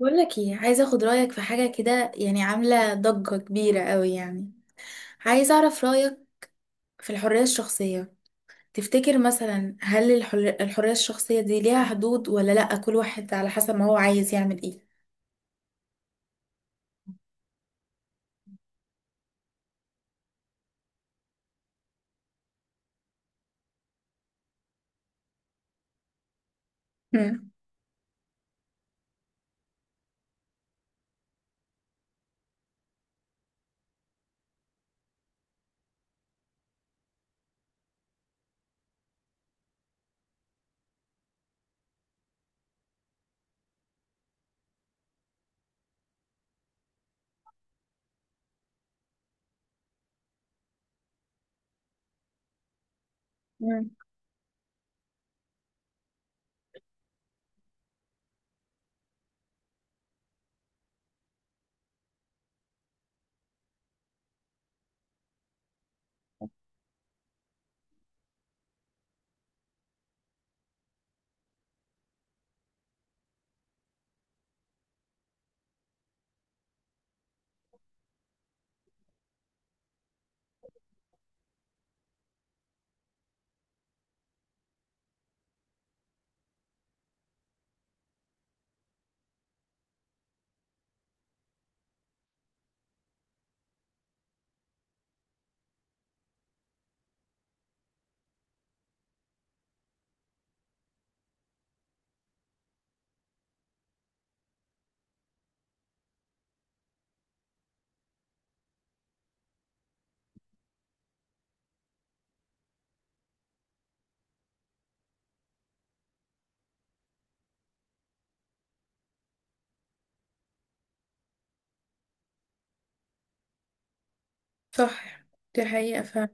بقول لك ايه، عايزه اخد رايك في حاجه كده، يعني عامله ضجه كبيره قوي. يعني عايزه اعرف رايك في الحريه الشخصيه. تفتكر مثلا، هل الحريه الشخصيه دي ليها حدود ولا لا، كل واحد على حسب ما هو عايز يعمل ايه؟ مم. مم. صح، دي حقيقه.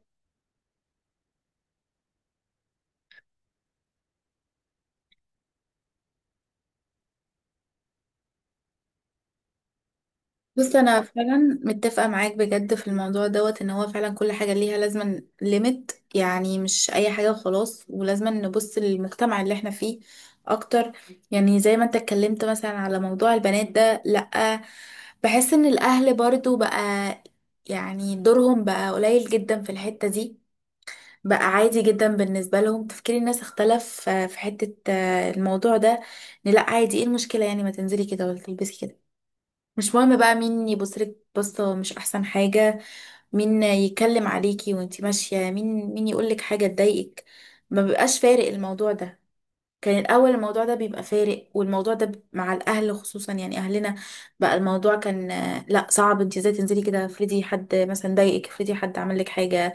بص، انا فعلا متفقه معاك بجد في الموضوع دوت، ان هو فعلا كل حاجه ليها لازما ليميت، يعني مش اي حاجه وخلاص، ولازما نبص للمجتمع اللي احنا فيه اكتر. يعني زي ما انت اتكلمت مثلا على موضوع البنات ده، لا، بحس ان الاهل برضو بقى، يعني دورهم بقى قليل جدا في الحته دي. بقى عادي جدا بالنسبه لهم، تفكير الناس اختلف، في حته، الموضوع ده إن لا عادي، ايه المشكله يعني ما تنزلي كده ولا تلبسي كده، مش مهم بقى مين يبصلك بصة، مش أحسن حاجة مين يتكلم عليكي وانتي ماشية، مين مين يقولك حاجة تضايقك، ما بيبقاش فارق الموضوع ده. كان الأول الموضوع ده بيبقى فارق، والموضوع ده مع الأهل خصوصا، يعني أهلنا بقى الموضوع كان، لا صعب انتي ازاي تنزلي كده، افرضي حد مثلا ضايقك، افرضي حد عمل لك حاجة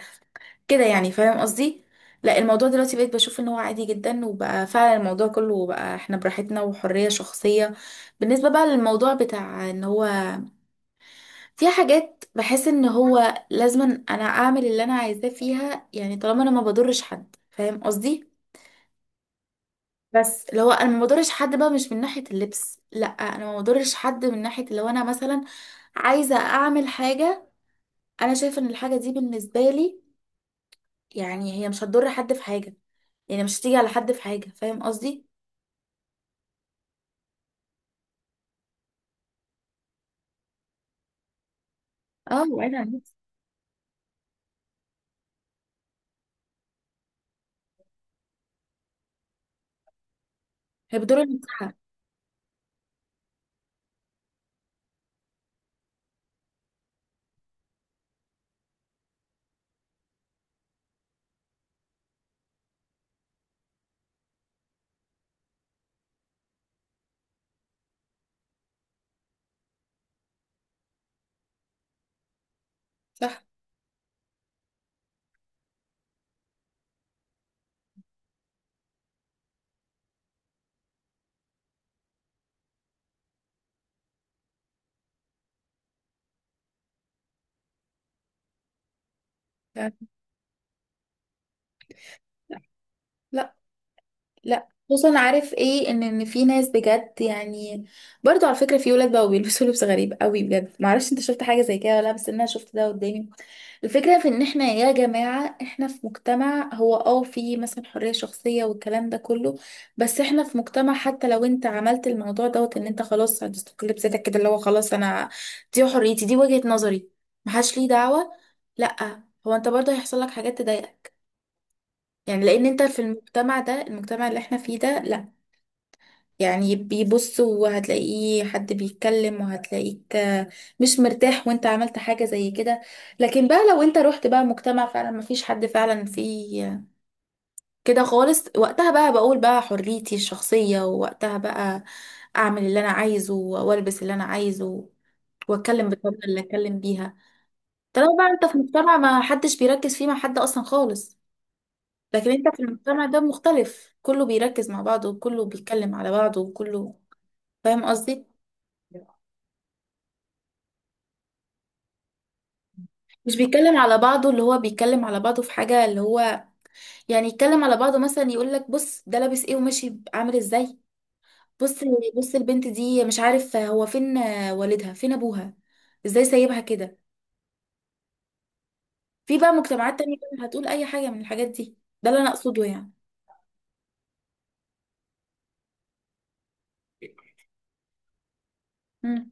كده، يعني فاهم قصدي. لا الموضوع دلوقتي بقيت بشوف ان هو عادي جدا، وبقى فعلا الموضوع كله بقى احنا براحتنا وحرية شخصية. بالنسبة بقى للموضوع بتاع ان هو، في حاجات بحس ان هو لازما انا اعمل اللي انا عايزاه فيها، يعني طالما انا ما بضرش حد فاهم قصدي. بس اللي هو انا ما بضرش حد بقى مش من ناحية اللبس، لا انا ما بضرش حد من ناحية لو انا مثلا عايزة اعمل حاجة، انا شايفة ان الحاجة دي بالنسبة لي يعني هي مش هتضر حد في حاجة، يعني مش هتيجي على حد في حاجة فاهم قصدي. اه بعيد عن اللبس. هي بتضر المساحة. صح. يعني صح. لا. لا خصوصا، عارف ايه، ان في ناس بجد يعني. برضو على فكره، في ولاد بقوا بيلبسوا لبس غريب قوي بجد، معرفش انت شفت حاجه زي كده ولا لا، بس انا شفت ده قدامي. الفكره في ان احنا يا جماعه احنا في مجتمع، هو اه في مثلا حريه شخصيه والكلام ده كله، بس احنا في مجتمع، حتى لو انت عملت الموضوع دوت ان انت خلاص هتستقل بذاتك كده اللي هو خلاص انا، دي حريتي دي وجهه نظري، محدش ليه دعوه، لا هو انت برضه هيحصل لك حاجات تضايقك. يعني لان انت في المجتمع ده، المجتمع اللي احنا فيه ده لا، يعني بيبص، وهتلاقيه حد بيتكلم، وهتلاقيك مش مرتاح، وانت عملت حاجة زي كده. لكن بقى لو انت رحت بقى مجتمع فعلا مفيش حد فعلا فيه كده خالص، وقتها بقى بقول بقى حريتي الشخصية، ووقتها بقى اعمل اللي انا عايزه، والبس اللي انا عايزه، واتكلم بالطريقة اللي اتكلم بيها. طالما بقى انت في مجتمع ما حدش بيركز فيه مع حد اصلا خالص، لكن انت في المجتمع ده مختلف، كله بيركز مع بعضه، وكله بيتكلم على بعضه، وكله فاهم قصدي. مش بيتكلم على بعضه اللي هو بيتكلم على بعضه في حاجة، اللي هو يعني يتكلم على بعضه، مثلا يقول لك بص ده لابس ايه وماشي عامل ازاي، بص بص البنت دي مش عارف هو فين والدها، فين ابوها، ازاي سايبها كده. في بقى مجتمعات تانية هتقول اي حاجة من الحاجات دي، ده اللي انا اقصده يعني. امم.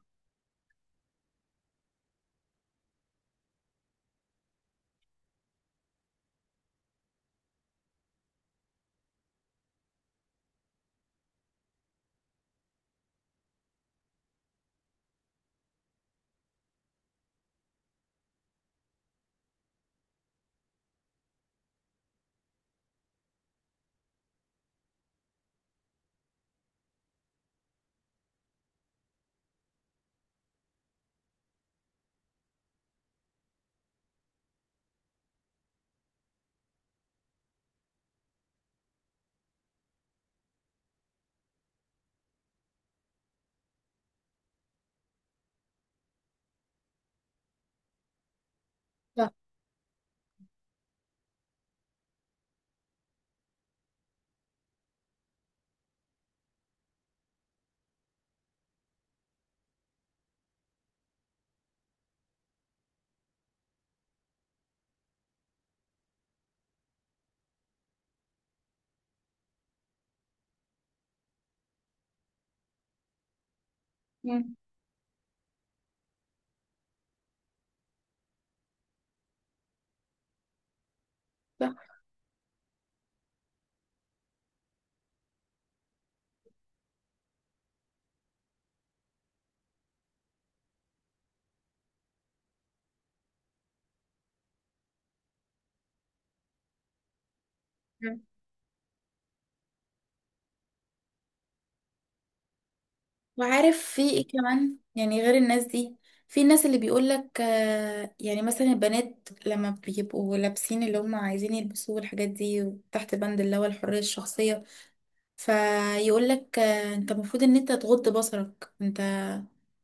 صح. امم. صح. وعارف في ايه كمان يعني غير الناس دي، في الناس اللي بيقولك يعني مثلا البنات لما بيبقوا لابسين اللي هم عايزين يلبسوه والحاجات دي تحت بند اللي هو الحرية الشخصية، فيقولك انت المفروض ان انت تغض بصرك، انت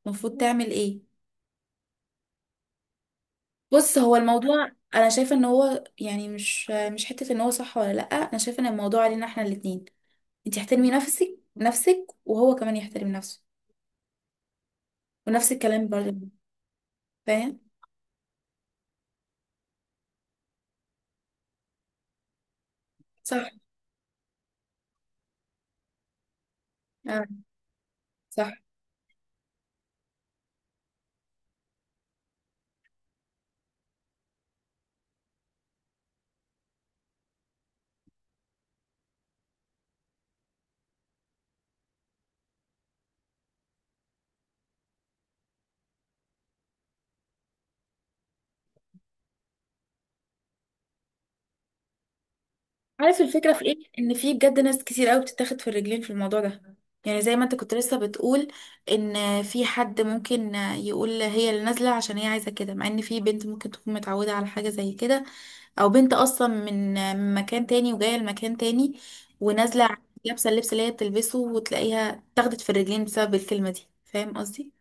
المفروض تعمل ايه. بص هو الموضوع انا شايفة ان هو، يعني مش حتة ان هو صح ولا لأ، انا شايفة ان الموضوع علينا احنا الاتنين، انت احترمي نفسك، وهو كمان يحترم نفسه، ونفس الكلام برضه فاهم. صح. آه. صح. عارف الفكرة في ايه، ان في بجد ناس كتير قوي بتتاخد في الرجلين في الموضوع ده. يعني زي ما انت كنت لسه بتقول، ان في حد ممكن يقول هي اللي نازلة عشان هي عايزة كده، مع ان في بنت ممكن تكون متعودة على حاجة زي كده، او بنت اصلا من مكان تاني وجاية لمكان تاني، ونازلة لابسة اللبس اللي هي بتلبسه، وتلاقيها اتاخدت في الرجلين بسبب الكلمة دي، فاهم قصدي؟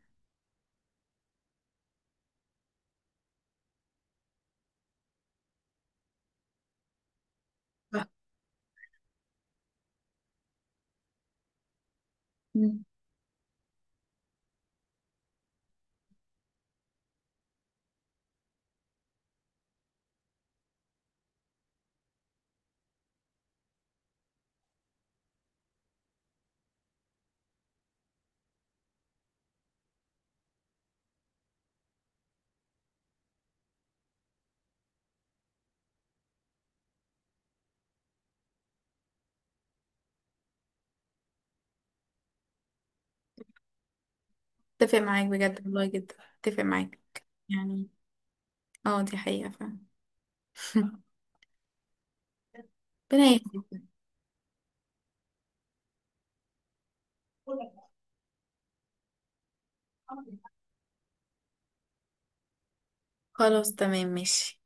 صح. مم. اتفق معاك بجد والله جدا، اتفق معاك يعني. اه دي حقيقة فعلا. ربنا يهديك. خلاص تمام ماشي.